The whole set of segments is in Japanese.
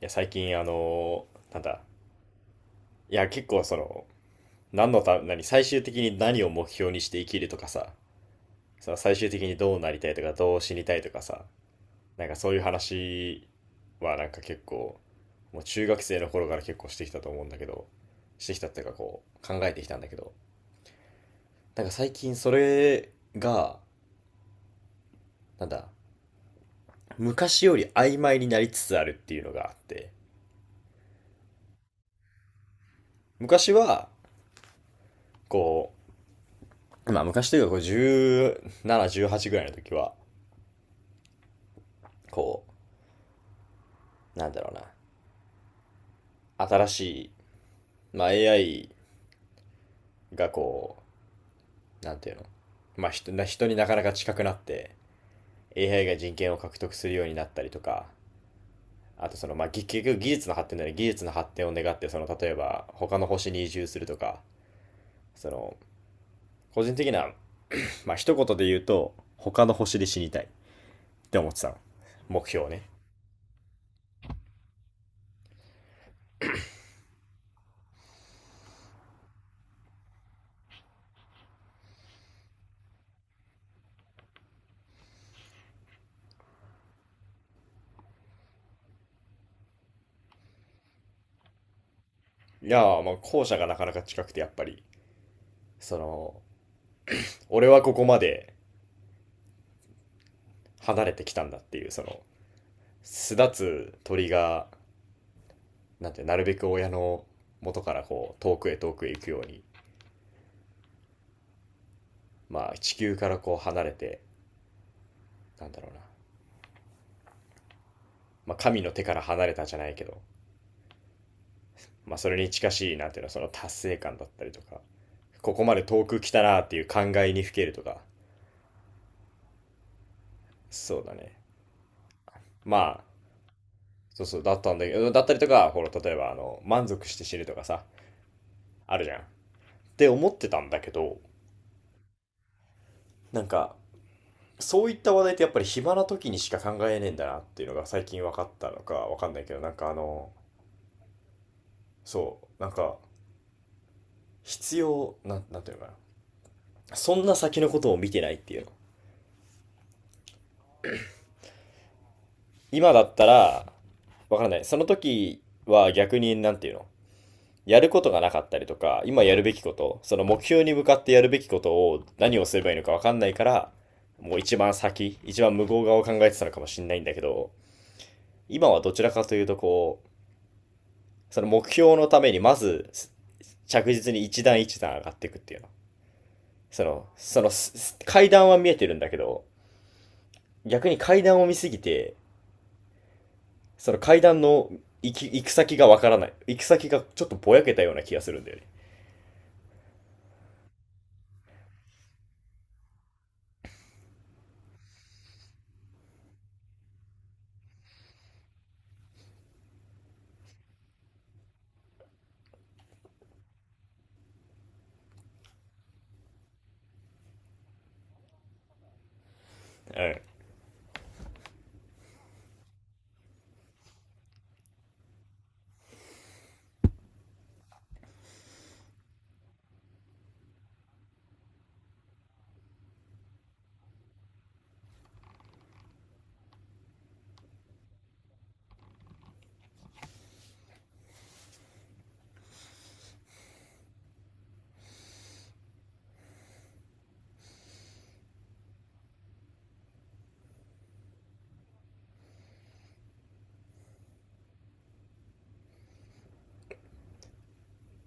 最近、あのなんだ、いや、結構その、何のた、何、最終的に何を目標にして生きるとかさ、その最終的にどうなりたいとか、どう死にたいとかさ、そういう話は結構、もう中学生の頃から結構してきたと思うんだけど、してきたっていうかこう、考えてきたんだけど、なんか最近それが、なんだ、昔より曖昧になりつつあるっていうのがあって、昔は、こまあ昔というかこう17、18ぐらいの時は、こうなんだろうな新しい、まあ、AI がこうなんていうの、まあ、人になかなか近くなって AI が人権を獲得するようになったりとか、あとその、まあ、結局技術の発展だね。技術の発展を願って、その例えば他の星に移住するとか、その個人的な、まあ一言で言うと他の星で死にたいって思ってたの。目標ね。いやー、まあ後者がなかなか近くて、やっぱりその、俺はここまで離れてきたんだっていうその、巣立つ鳥がなんて、なるべく親の元からこう遠くへ遠くへ行くように、まあ、地球からこう離れて、なんだろうな、まあ、神の手から離れたじゃないけど、まあ、それに近しい、なんていうのその達成感だったりとか、ここまで遠く来たなっていう感慨にふけるとか。そうだね。まあそうだったんだけど、だったりとか、ほら例えばあの、満足して死ぬとかさ、あるじゃんって思ってたんだけど、なんかそういった話題ってやっぱり暇な時にしか考えねえんだなっていうのが最近分かったのか分かんないけど、そう、必要なん、なんていうのかなそんな先のことを見てないっていうの。今だったら分からない。その時は逆に、なんていうのやることがなかったりとか、今やるべきこと、その目標に向かってやるべきことを何をすればいいのか分かんないから、もう一番先、一番向こう側を考えてたのかもしれないんだけど、今はどちらかというとこう、その目標のためにまず着実に一段一段上がっていくっていうの。その、階段は見えてるんだけど、逆に階段を見すぎて、その階段の行く先がわからない。行く先がちょっとぼやけたような気がするんだよね。うん。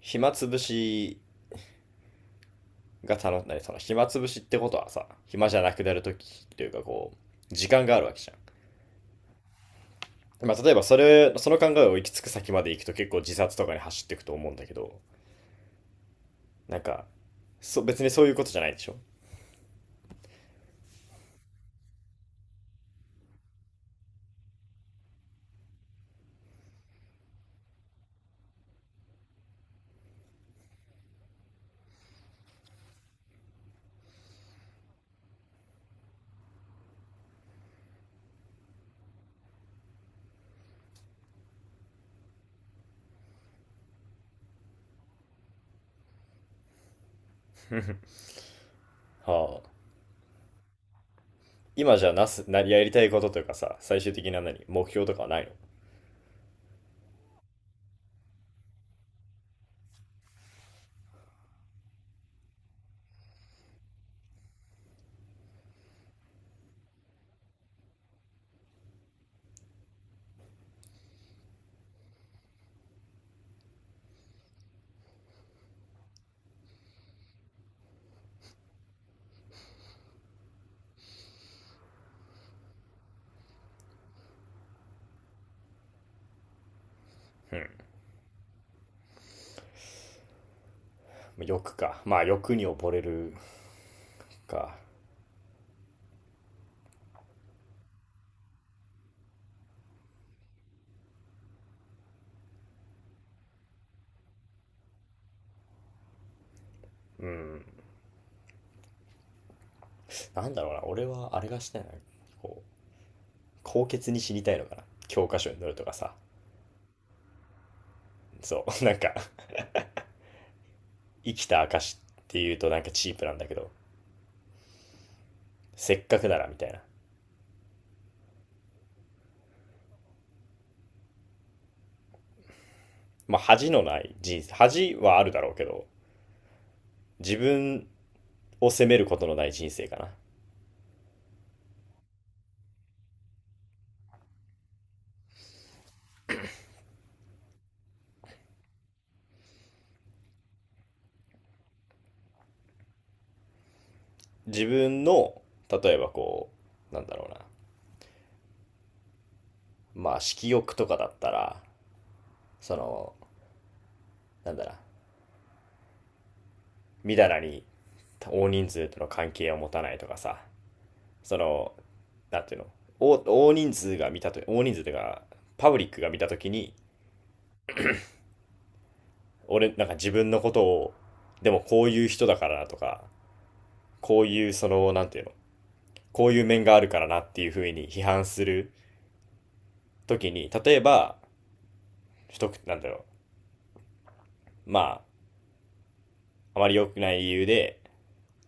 暇つぶしが楽しい。その暇つぶしってことはさ、暇じゃなくなるときというかこう、時間があるわけじゃん。まあ、例えばそれ、その考えを行き着く先まで行くと結構自殺とかに走っていくと思うんだけど、なんか、そ別にそういうことじゃないでしょ。はあ。今じゃなす、な、やりたいことというかさ、最終的な何、目標とかはないの？欲か。まあ欲に溺れるか。なんだろうな、俺はあれがしたいな。こう、高潔に死にたいのかな。教科書に載るとかさ。そう、なんか、生きた証っていうとなんかチープなんだけど、せっかくならみたいな。まあ恥のない人生、恥はあるだろうけど、自分を責めることのない人生かな。自分の、例えばこう、なんだろうな。まあ、色欲とかだったら、その、なんだろう、みだらに大人数との関係を持たないとかさ、その、なんていうの、大人数が見たと、大人数というか、パブリックが見たときに、俺、なんか自分のことを、でもこういう人だからなとか、こういうその、なんていうの、こういう面があるからなっていうふうに批判するときに、例えば、不くなんだろまあ、あまり良くない理由で、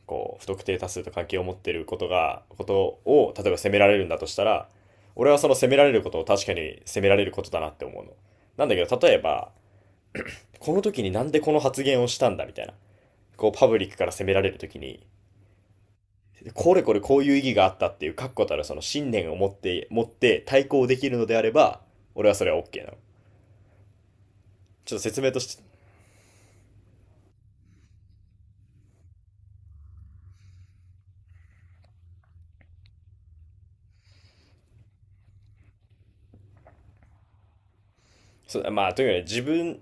こう不特定多数と関係を持っていることがことを例えば責められるんだとしたら、俺はその責められることを確かに責められることだなって思うの。なんだけど、例えばこの時になんでこの発言をしたんだみたいな、こうパブリックから責められる時に、これこれこういう意義があったっていう確固たるその信念を持って対抗できるのであれば、俺はそれは OK なの。ちょっと説明として、まあとにかくね、自分、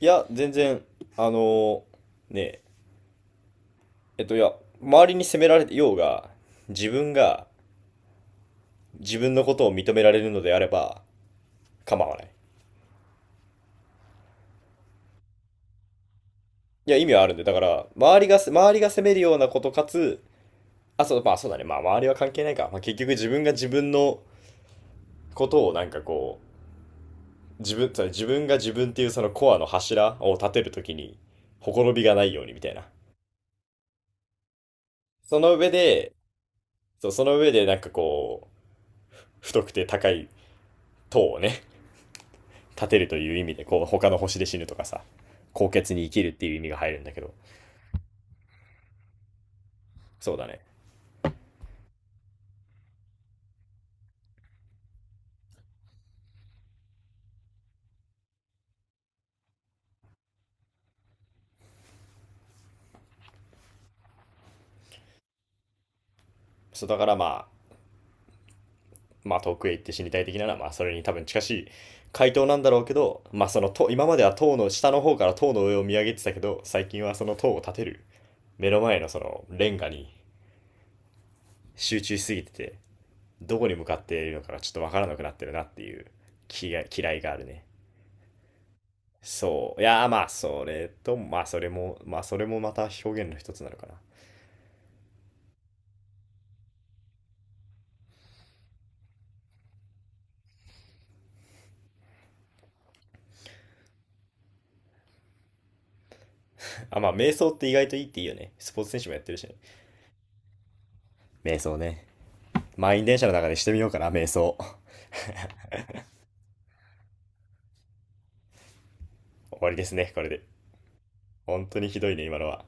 いや全然、あのねいや、周りに責められてようが、自分が自分のことを認められるのであれば構わない。いや、意味はあるんで、だから、周りが責めるようなことかつ、あ、そう、まあそうだね、まあ周りは関係ないか。まあ結局自分が自分のことをなんかこう、自分が自分っていうそのコアの柱を立てるときに、ほころびがないようにみたいな。その上で、そう、その上でなんかこう、太くて高い塔をね、立てるという意味で、こう、他の星で死ぬとかさ、高血に生きるっていう意味が入るんだけど、そうだね。そうだからまあ、まあ遠くへ行って死にたい的なのは、まあそれに多分近しい回答なんだろうけど、まあその塔、今までは塔の下の方から塔の上を見上げてたけど、最近はその塔を立てる目の前のそのレンガに集中しすぎてて、どこに向かっているのかがちょっとわからなくなってるなっていう気が嫌いがあるね。そう。いやまあそれと、まあそれもまた表現の一つなのかな。あ、まあ、瞑想って意外といいっていいよね。スポーツ選手もやってるしね。瞑想ね。満員電車の中でしてみようかな、瞑想。終わりですね、これで。本当にひどいね、今のは。